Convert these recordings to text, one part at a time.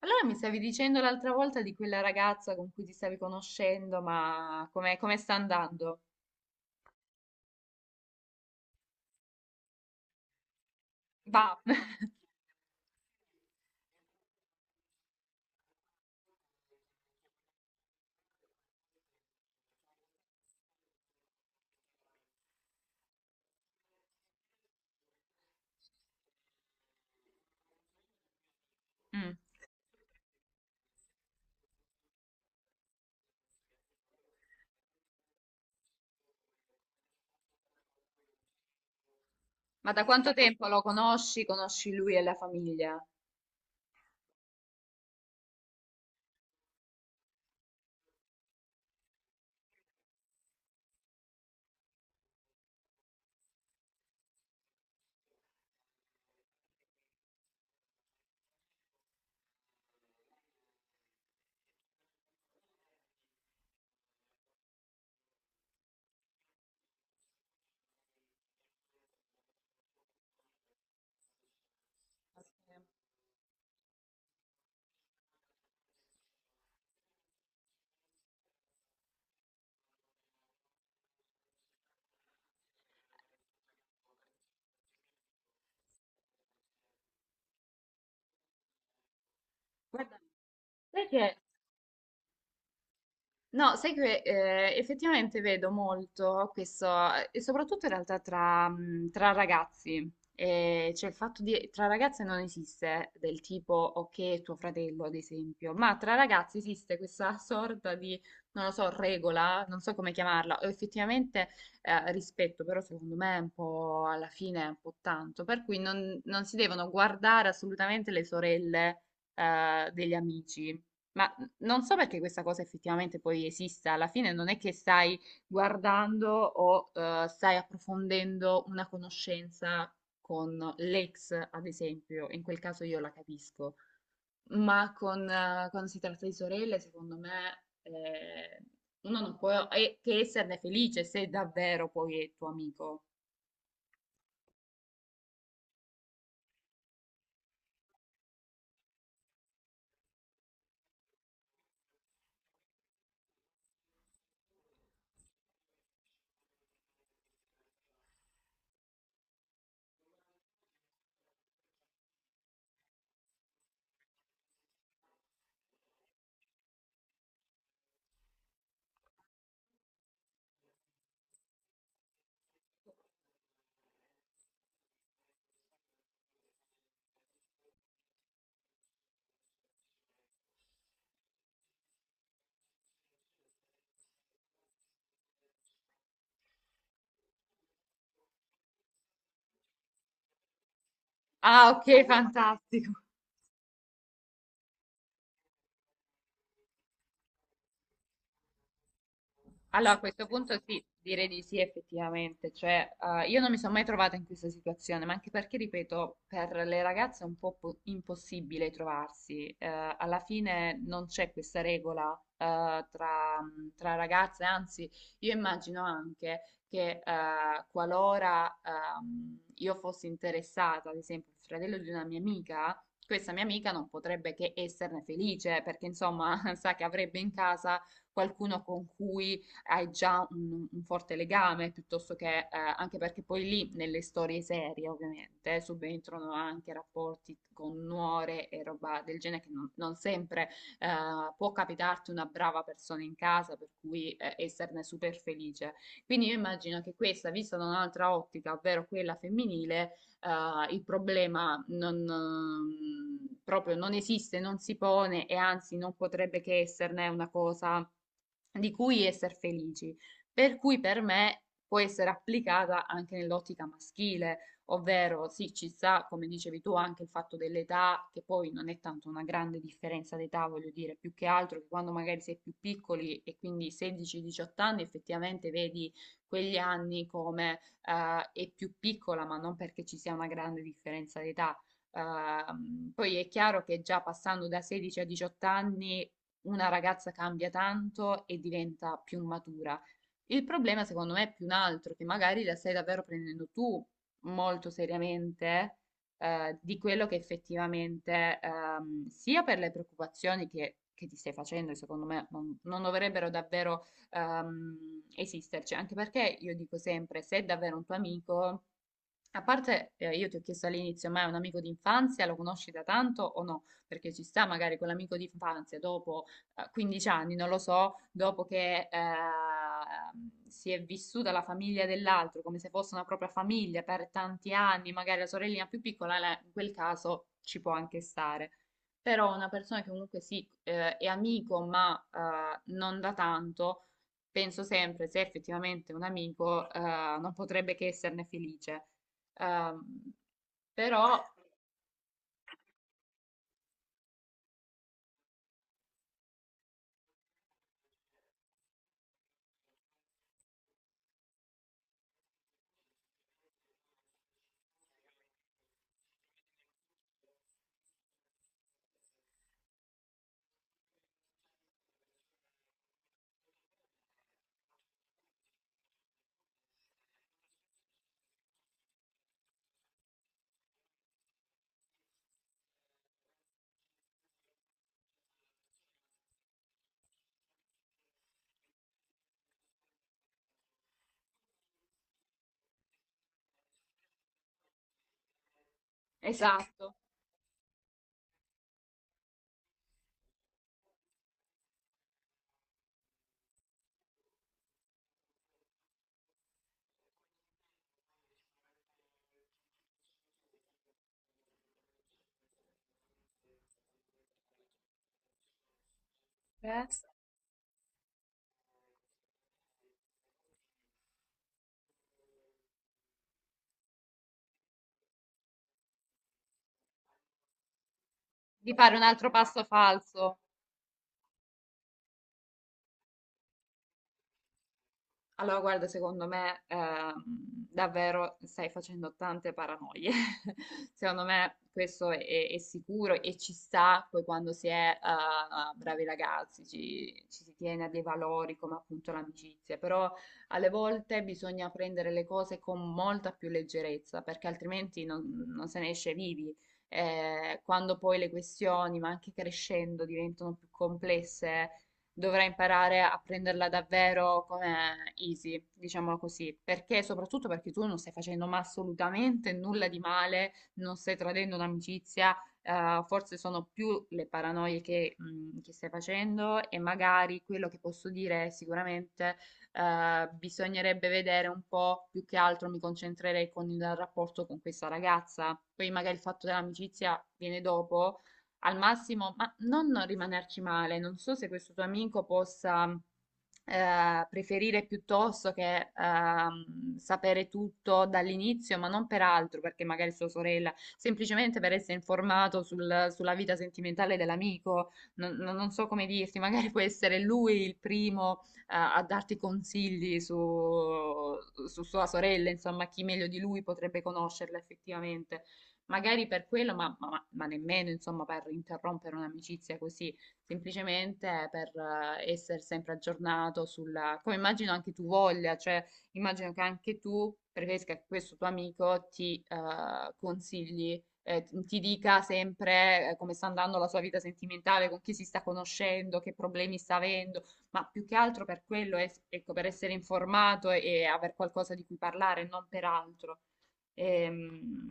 Allora mi stavi dicendo l'altra volta di quella ragazza con cui ti stavi conoscendo, ma com'è, come sta andando? Va. Mm. Ma da quanto tempo lo conosci? Conosci lui e la famiglia? Guarda, sai che No, sai che effettivamente vedo molto questo, e soprattutto in realtà tra, tra ragazzi. Cioè il fatto di tra ragazze non esiste del tipo ok, tuo fratello, ad esempio, ma tra ragazzi esiste questa sorta di, non lo so, regola, non so come chiamarla, o effettivamente rispetto, però secondo me è un po' alla fine è un po' tanto, per cui non si devono guardare assolutamente le sorelle degli amici. Ma non so perché questa cosa effettivamente poi esista, alla fine non è che stai guardando o stai approfondendo una conoscenza con l'ex, ad esempio, in quel caso io la capisco, ma con, quando si tratta di sorelle, secondo me, uno non può che esserne felice se davvero poi è tuo amico. Ah, ok, fantastico. Allora, a questo punto sì, direi di sì effettivamente, cioè io non mi sono mai trovata in questa situazione, ma anche perché, ripeto, per le ragazze è un po' impossibile trovarsi. Alla fine non c'è questa regola tra, tra ragazze, anzi io immagino anche che qualora io fossi interessata, ad esempio, al fratello di una mia amica, questa mia amica non potrebbe che esserne felice, perché insomma sa che avrebbe in casa qualcuno con cui hai già un forte legame, piuttosto che anche perché poi lì nelle storie serie ovviamente subentrano anche rapporti con nuore e roba del genere che non sempre può capitarti una brava persona in casa, per cui esserne super felice. Quindi io immagino che questa, vista da un'altra ottica, ovvero quella femminile, il problema non, proprio non esiste, non si pone e anzi non potrebbe che esserne una cosa di cui essere felici. Per cui per me può essere applicata anche nell'ottica maschile, ovvero sì, ci sta, come dicevi tu, anche il fatto dell'età, che poi non è tanto una grande differenza d'età, voglio dire, più che altro che quando magari sei più piccoli e quindi 16-18 anni effettivamente vedi quegli anni come è più piccola, ma non perché ci sia una grande differenza d'età. Poi è chiaro che già passando da 16 a 18 anni una ragazza cambia tanto e diventa più matura. Il problema secondo me è più un altro, che magari la stai davvero prendendo tu molto seriamente di quello che effettivamente, sia per le preoccupazioni che ti stai facendo, che secondo me non dovrebbero davvero esisterci, anche perché io dico sempre, se è davvero un tuo amico a parte, io ti ho chiesto all'inizio, ma è un amico d'infanzia, lo conosci da tanto o no? Perché ci sta magari quell'amico d'infanzia dopo 15 anni, non lo so, dopo che si è vissuta la famiglia dell'altro come se fosse una propria famiglia per tanti anni, magari la sorellina più piccola, la- in quel caso ci può anche stare. Però una persona che comunque sì, è amico, ma non da tanto, penso sempre, se effettivamente è un amico, non potrebbe che esserne felice. Ehm, però, esatto, eh, di fare un altro passo falso. Allora, guarda, secondo me davvero stai facendo tante paranoie. Secondo me questo è sicuro e ci sta poi quando si è bravi ragazzi, ci si tiene a dei valori come appunto l'amicizia, però alle volte bisogna prendere le cose con molta più leggerezza perché altrimenti non, non se ne esce vivi. Quando poi le questioni, ma anche crescendo, diventano più complesse dovrà imparare a prenderla davvero come easy, diciamolo così, perché soprattutto perché tu non stai facendo ma assolutamente nulla di male, non stai tradendo un'amicizia, forse sono più le paranoie che stai facendo e magari quello che posso dire è sicuramente bisognerebbe vedere un po' più che altro mi concentrerei con il rapporto con questa ragazza, poi magari il fatto dell'amicizia viene dopo al massimo, ma non rimanerci male. Non so se questo tuo amico possa preferire piuttosto che sapere tutto dall'inizio, ma non per altro, perché magari sua sorella, semplicemente per essere informato sulla vita sentimentale dell'amico. Non so come dirti, magari può essere lui il primo a darti consigli su sua sorella, insomma, chi meglio di lui potrebbe conoscerla effettivamente magari per quello, ma nemmeno insomma per interrompere un'amicizia così, semplicemente per essere sempre aggiornato sulla, come immagino anche tu voglia, cioè immagino che anche tu preferisca che questo tuo amico ti consigli. Ti dica sempre come sta andando la sua vita sentimentale, con chi si sta conoscendo, che problemi sta avendo, ma più che altro per quello, ecco, per essere informato e aver qualcosa di cui parlare, non per altro. Ehm,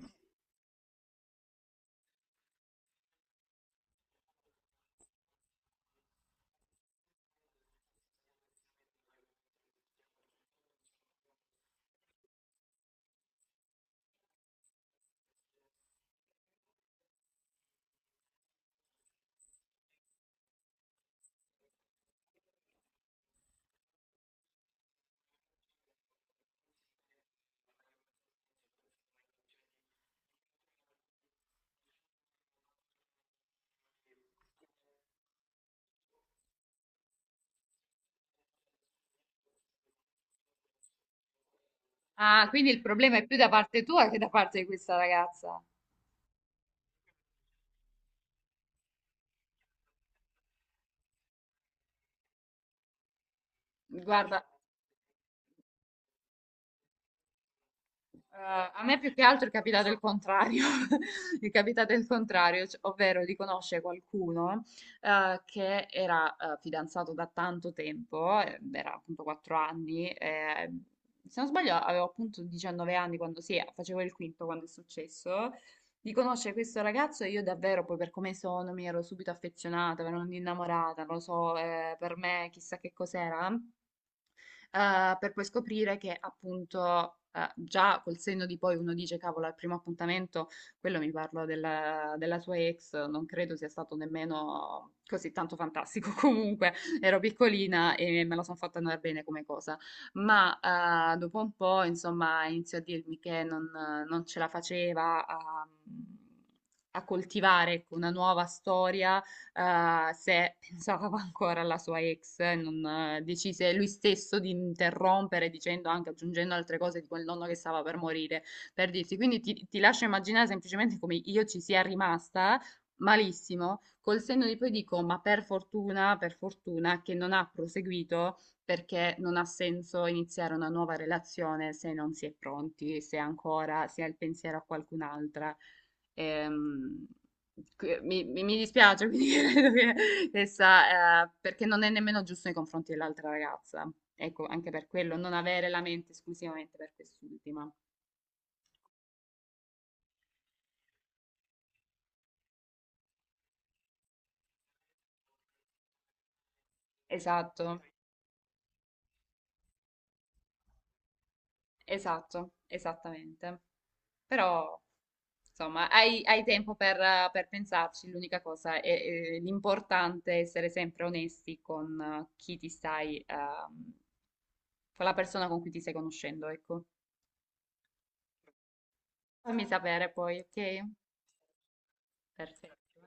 Ah, quindi il problema è più da parte tua che da parte di questa ragazza. Guarda. A me più che altro è capitato il contrario, è capitato il contrario, ovvero di conoscere qualcuno che era fidanzato da tanto tempo, era appunto 4 anni, se non sbaglio avevo appunto 19 anni quando sì, facevo il quinto quando è successo, di conoscere questo ragazzo e io davvero poi per come sono mi ero subito affezionata, mi ero innamorata, non lo so, per me chissà che cos'era per poi scoprire che appunto già col senno di poi uno dice, cavolo, al primo appuntamento, quello mi parlo della, della sua ex, non credo sia stato nemmeno così tanto fantastico. Comunque ero piccolina e me la sono fatta andare bene come cosa. Ma dopo un po', insomma, iniziò a dirmi che non ce la faceva a coltivare ecco, una nuova storia se pensava ancora alla sua ex, non, decise lui stesso di interrompere dicendo anche, aggiungendo altre cose di quel nonno che stava per morire, per dirti. Quindi ti lascio immaginare semplicemente come io ci sia rimasta malissimo, col senno di poi dico, ma per fortuna che non ha proseguito perché non ha senso iniziare una nuova relazione se non si è pronti, se ancora si ha il pensiero a qualcun'altra. Ehm, mi dispiace, quindi credo che essa, perché non è nemmeno giusto nei confronti dell'altra ragazza. Ecco, anche per quello, non avere la mente esclusivamente per quest'ultima. Esatto, esatto, esattamente. Però, insomma, hai tempo per pensarci. L'importante è essere sempre onesti con chi ti stai, con la persona con cui ti stai conoscendo, ecco. Fammi sapere poi, ok? Perfetto.